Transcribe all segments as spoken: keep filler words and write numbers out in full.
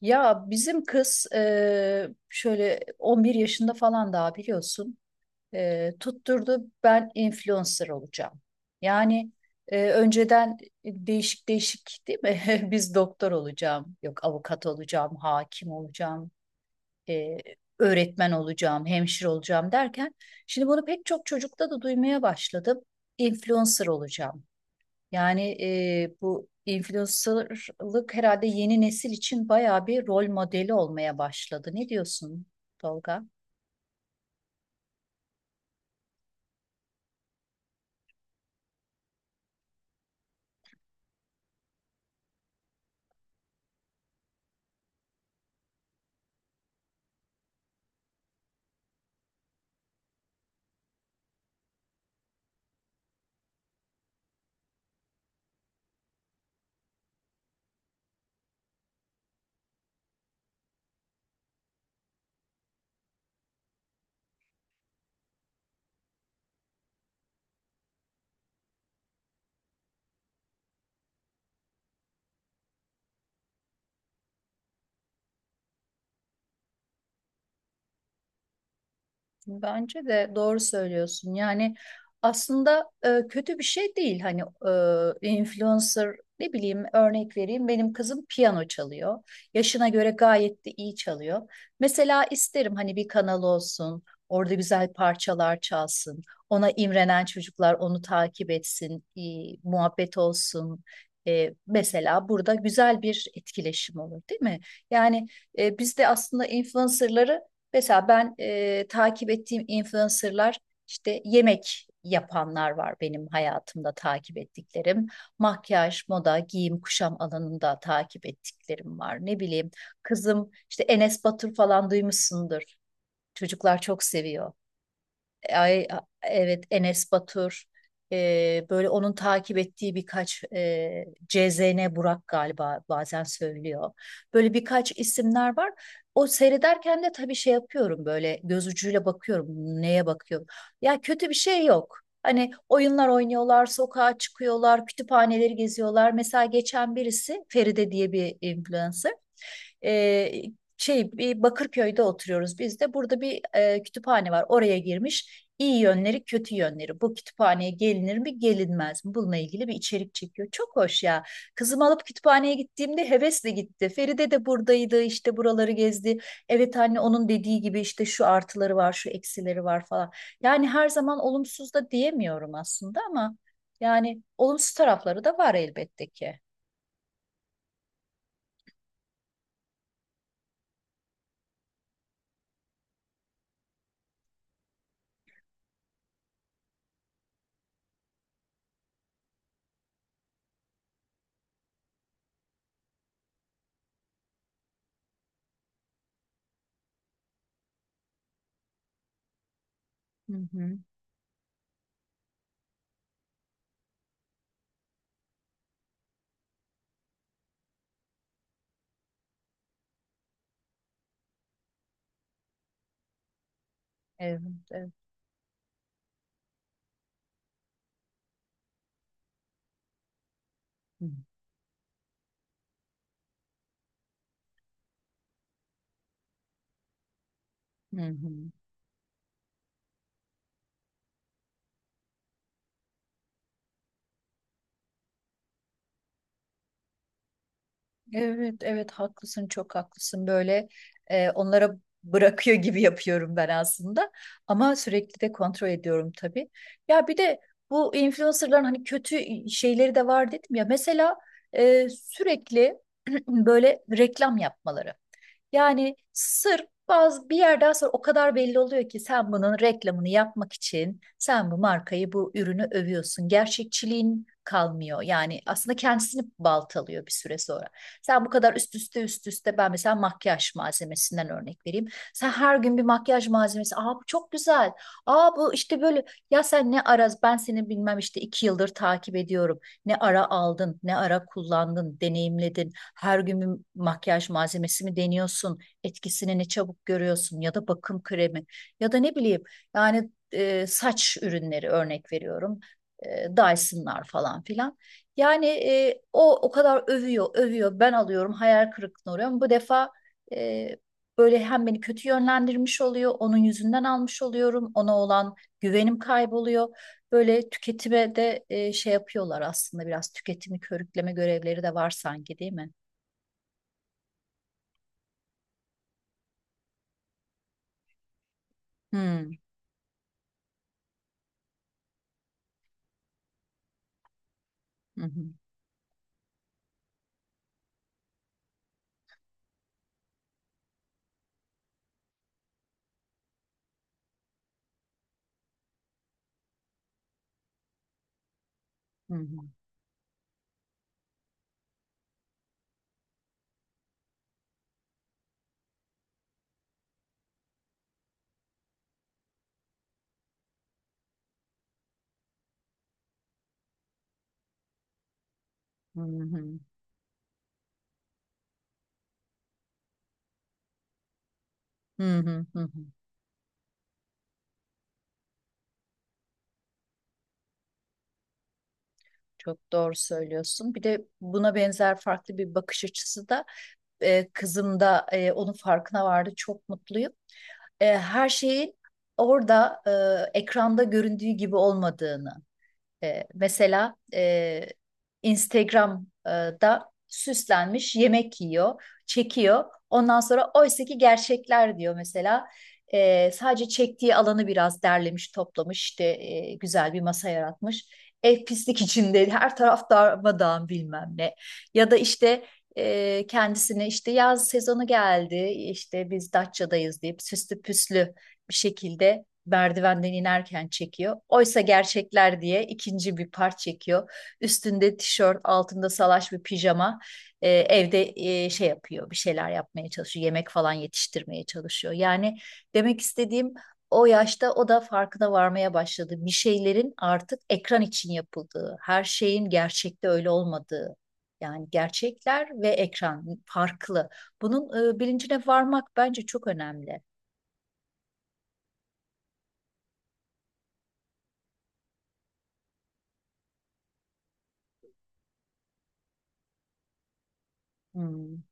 Ya bizim kız eee, şöyle on bir yaşında falan daha biliyorsun Eee, Tutturdu ben influencer olacağım. Yani eee, Önceden değişik değişik, değil mi? Biz doktor olacağım, yok avukat olacağım, hakim olacağım, eee, öğretmen olacağım, hemşire olacağım derken şimdi bunu pek çok çocukta da duymaya başladım. Influencer olacağım. Yani e, Bu influencerlık herhalde yeni nesil için bayağı bir rol modeli olmaya başladı. Ne diyorsun Tolga? Bence de doğru söylüyorsun. Yani aslında e, kötü bir şey değil. Hani e, influencer ne bileyim örnek vereyim. Benim kızım piyano çalıyor. Yaşına göre gayet de iyi çalıyor. Mesela isterim hani bir kanal olsun. Orada güzel parçalar çalsın. Ona imrenen çocuklar onu takip etsin. İyi muhabbet olsun. E, mesela burada güzel bir etkileşim olur, değil mi? Yani e, biz de aslında influencerları Mesela ben e, takip ettiğim influencerlar işte yemek yapanlar var benim hayatımda takip ettiklerim. Makyaj, moda, giyim, kuşam alanında takip ettiklerim var. Ne bileyim, kızım işte Enes Batur falan duymuşsundur. Çocuklar çok seviyor. Ay, evet Enes Batur, e, böyle onun takip ettiği birkaç e, C Z N Burak galiba bazen söylüyor. Böyle birkaç isimler var. O seyrederken de tabii şey yapıyorum, böyle göz ucuyla bakıyorum neye bakıyorum. Ya kötü bir şey yok. Hani oyunlar oynuyorlar, sokağa çıkıyorlar, kütüphaneleri geziyorlar. Mesela geçen birisi Feride diye bir influencer e, şey bir Bakırköy'de oturuyoruz biz de. Burada bir e, kütüphane var. Oraya girmiş. İyi yönleri, kötü yönleri. Bu kütüphaneye gelinir mi, gelinmez mi? Bununla ilgili bir içerik çekiyor. Çok hoş ya. Kızımı alıp kütüphaneye gittiğimde hevesle gitti. Feride de buradaydı, işte buraları gezdi. Evet anne, onun dediği gibi işte şu artıları var, şu eksileri var falan. Yani her zaman olumsuz da diyemiyorum aslında ama yani olumsuz tarafları da var elbette ki. Hı hı. Evet, evet. Hı hı. Evet, evet haklısın, çok haklısın. Böyle e, onlara bırakıyor gibi yapıyorum ben aslında. Ama sürekli de kontrol ediyorum tabii. Ya bir de bu influencerların hani kötü şeyleri de var dedim ya. Mesela e, sürekli böyle reklam yapmaları. Yani sırf bazı bir yerden sonra o kadar belli oluyor ki sen bunun reklamını yapmak için sen bu markayı, bu ürünü övüyorsun. Gerçekçiliğin kalmıyor. Yani aslında kendisini baltalıyor bir süre sonra. Sen bu kadar üst üste üst üste ben mesela makyaj malzemesinden örnek vereyim. Sen her gün bir makyaj malzemesi. Aa bu çok güzel. Aa bu işte böyle. Ya sen ne ara, ben seni bilmem işte iki yıldır takip ediyorum. Ne ara aldın, ne ara kullandın, deneyimledin, her gün bir makyaj malzemesi mi deniyorsun? Etkisini ne çabuk görüyorsun? Ya da bakım kremi ya da ne bileyim yani e, saç ürünleri örnek veriyorum. E, Dyson'lar falan filan. Yani e, o o kadar övüyor, övüyor. Ben alıyorum, hayal kırıklığına uğruyorum. Bu defa e, böyle hem beni kötü yönlendirmiş oluyor, onun yüzünden almış oluyorum, ona olan güvenim kayboluyor. Böyle tüketime de e, şey yapıyorlar, aslında biraz tüketimi körükleme görevleri de var sanki, değil mi? Hmm. Hı hı, hı hı, hı hı, hı hı, hı hı. Çok doğru söylüyorsun. Bir de buna benzer farklı bir bakış açısı da e, kızım da e, onun farkına vardı. Çok mutluyum. E, her şeyin orada, e, ekranda göründüğü gibi olmadığını. Ee, mesela e, Instagram'da süslenmiş yemek yiyor, çekiyor. Ondan sonra oysaki gerçekler diyor mesela. Ee, sadece çektiği alanı biraz derlemiş, toplamış, işte e, güzel bir masa yaratmış. Ev pislik içinde, her taraf darmadağın bilmem ne. Ya da işte e, kendisine işte yaz sezonu geldi, işte biz Datça'dayız deyip süslü püslü bir şekilde merdivenden inerken çekiyor. Oysa gerçekler diye ikinci bir part çekiyor. Üstünde tişört, altında salaş bir pijama. E, evde e, şey yapıyor, bir şeyler yapmaya çalışıyor. Yemek falan yetiştirmeye çalışıyor. Yani demek istediğim, o yaşta o da farkına varmaya başladı. Bir şeylerin artık ekran için yapıldığı, her şeyin gerçekte öyle olmadığı. Yani gerçekler ve ekran farklı. Bunun e, bilincine varmak bence çok önemli. Hmm.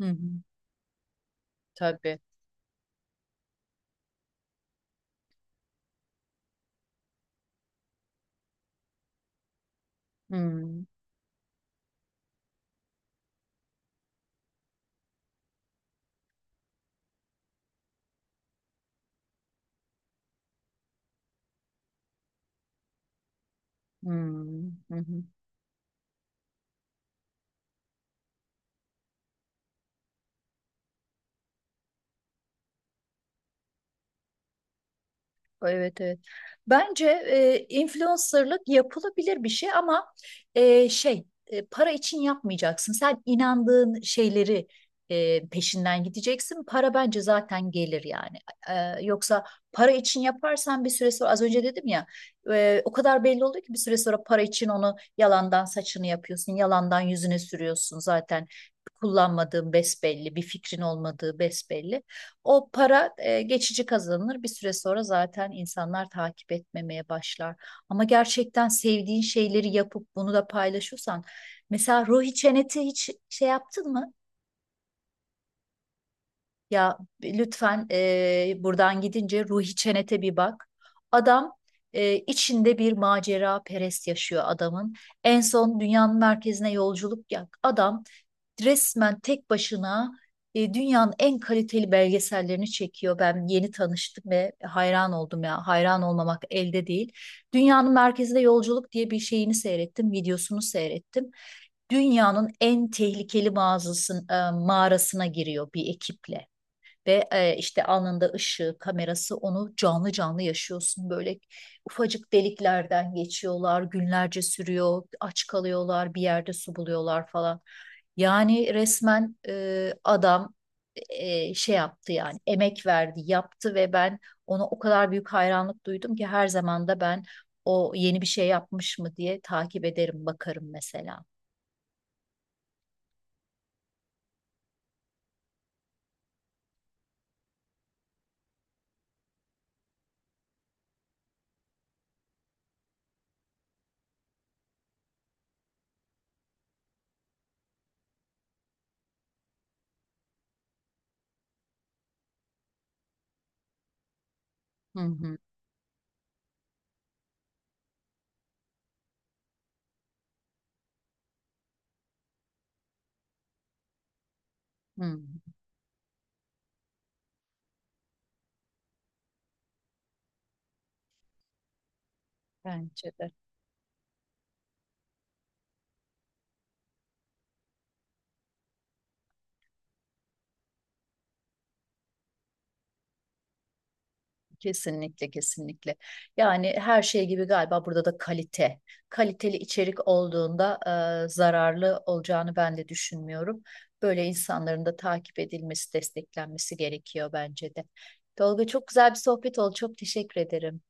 Hı hı. Tabii. Hmm, hmm, hı hı. Evet, evet. Bence e, influencerlık yapılabilir bir şey ama e, şey e, para için yapmayacaksın. Sen inandığın şeyleri e, peşinden gideceksin. Para bence zaten gelir yani. E, yoksa para için yaparsan bir süre sonra az önce dedim ya, e, o kadar belli oluyor ki bir süre sonra para için onu yalandan saçını yapıyorsun, yalandan yüzüne sürüyorsun, zaten kullanmadığın besbelli, bir fikrin olmadığı besbelli. O para e, geçici kazanılır. Bir süre sonra zaten insanlar takip etmemeye başlar. Ama gerçekten sevdiğin şeyleri yapıp bunu da paylaşırsan, mesela Ruhi Çenet'i hiç şey yaptın mı? Ya lütfen, e, buradan gidince Ruhi Çenet'e bir bak. Adam, e, içinde bir macera perest yaşıyor adamın. En son dünyanın merkezine yolculuk yap. Adam resmen tek başına, e, dünyanın en kaliteli belgesellerini çekiyor. Ben yeni tanıştım ve hayran oldum ya. Hayran olmamak elde değil. Dünyanın Merkezinde Yolculuk diye bir şeyini seyrettim, videosunu seyrettim. Dünyanın en tehlikeli mağazasının mağarasına giriyor bir ekiple. Ve e, işte alnında ışığı, kamerası, onu canlı canlı yaşıyorsun. Böyle ufacık deliklerden geçiyorlar, günlerce sürüyor, aç kalıyorlar, bir yerde su buluyorlar falan. Yani resmen e, adam e, şey yaptı, yani emek verdi, yaptı ve ben ona o kadar büyük hayranlık duydum ki her zaman da ben o yeni bir şey yapmış mı diye takip ederim, bakarım mesela. Hı hı, hı. Bence de. Kesinlikle, kesinlikle. Yani her şey gibi galiba burada da kalite. Kaliteli içerik olduğunda e, zararlı olacağını ben de düşünmüyorum. Böyle insanların da takip edilmesi, desteklenmesi gerekiyor bence de. Tolga çok güzel bir sohbet oldu. Çok teşekkür ederim.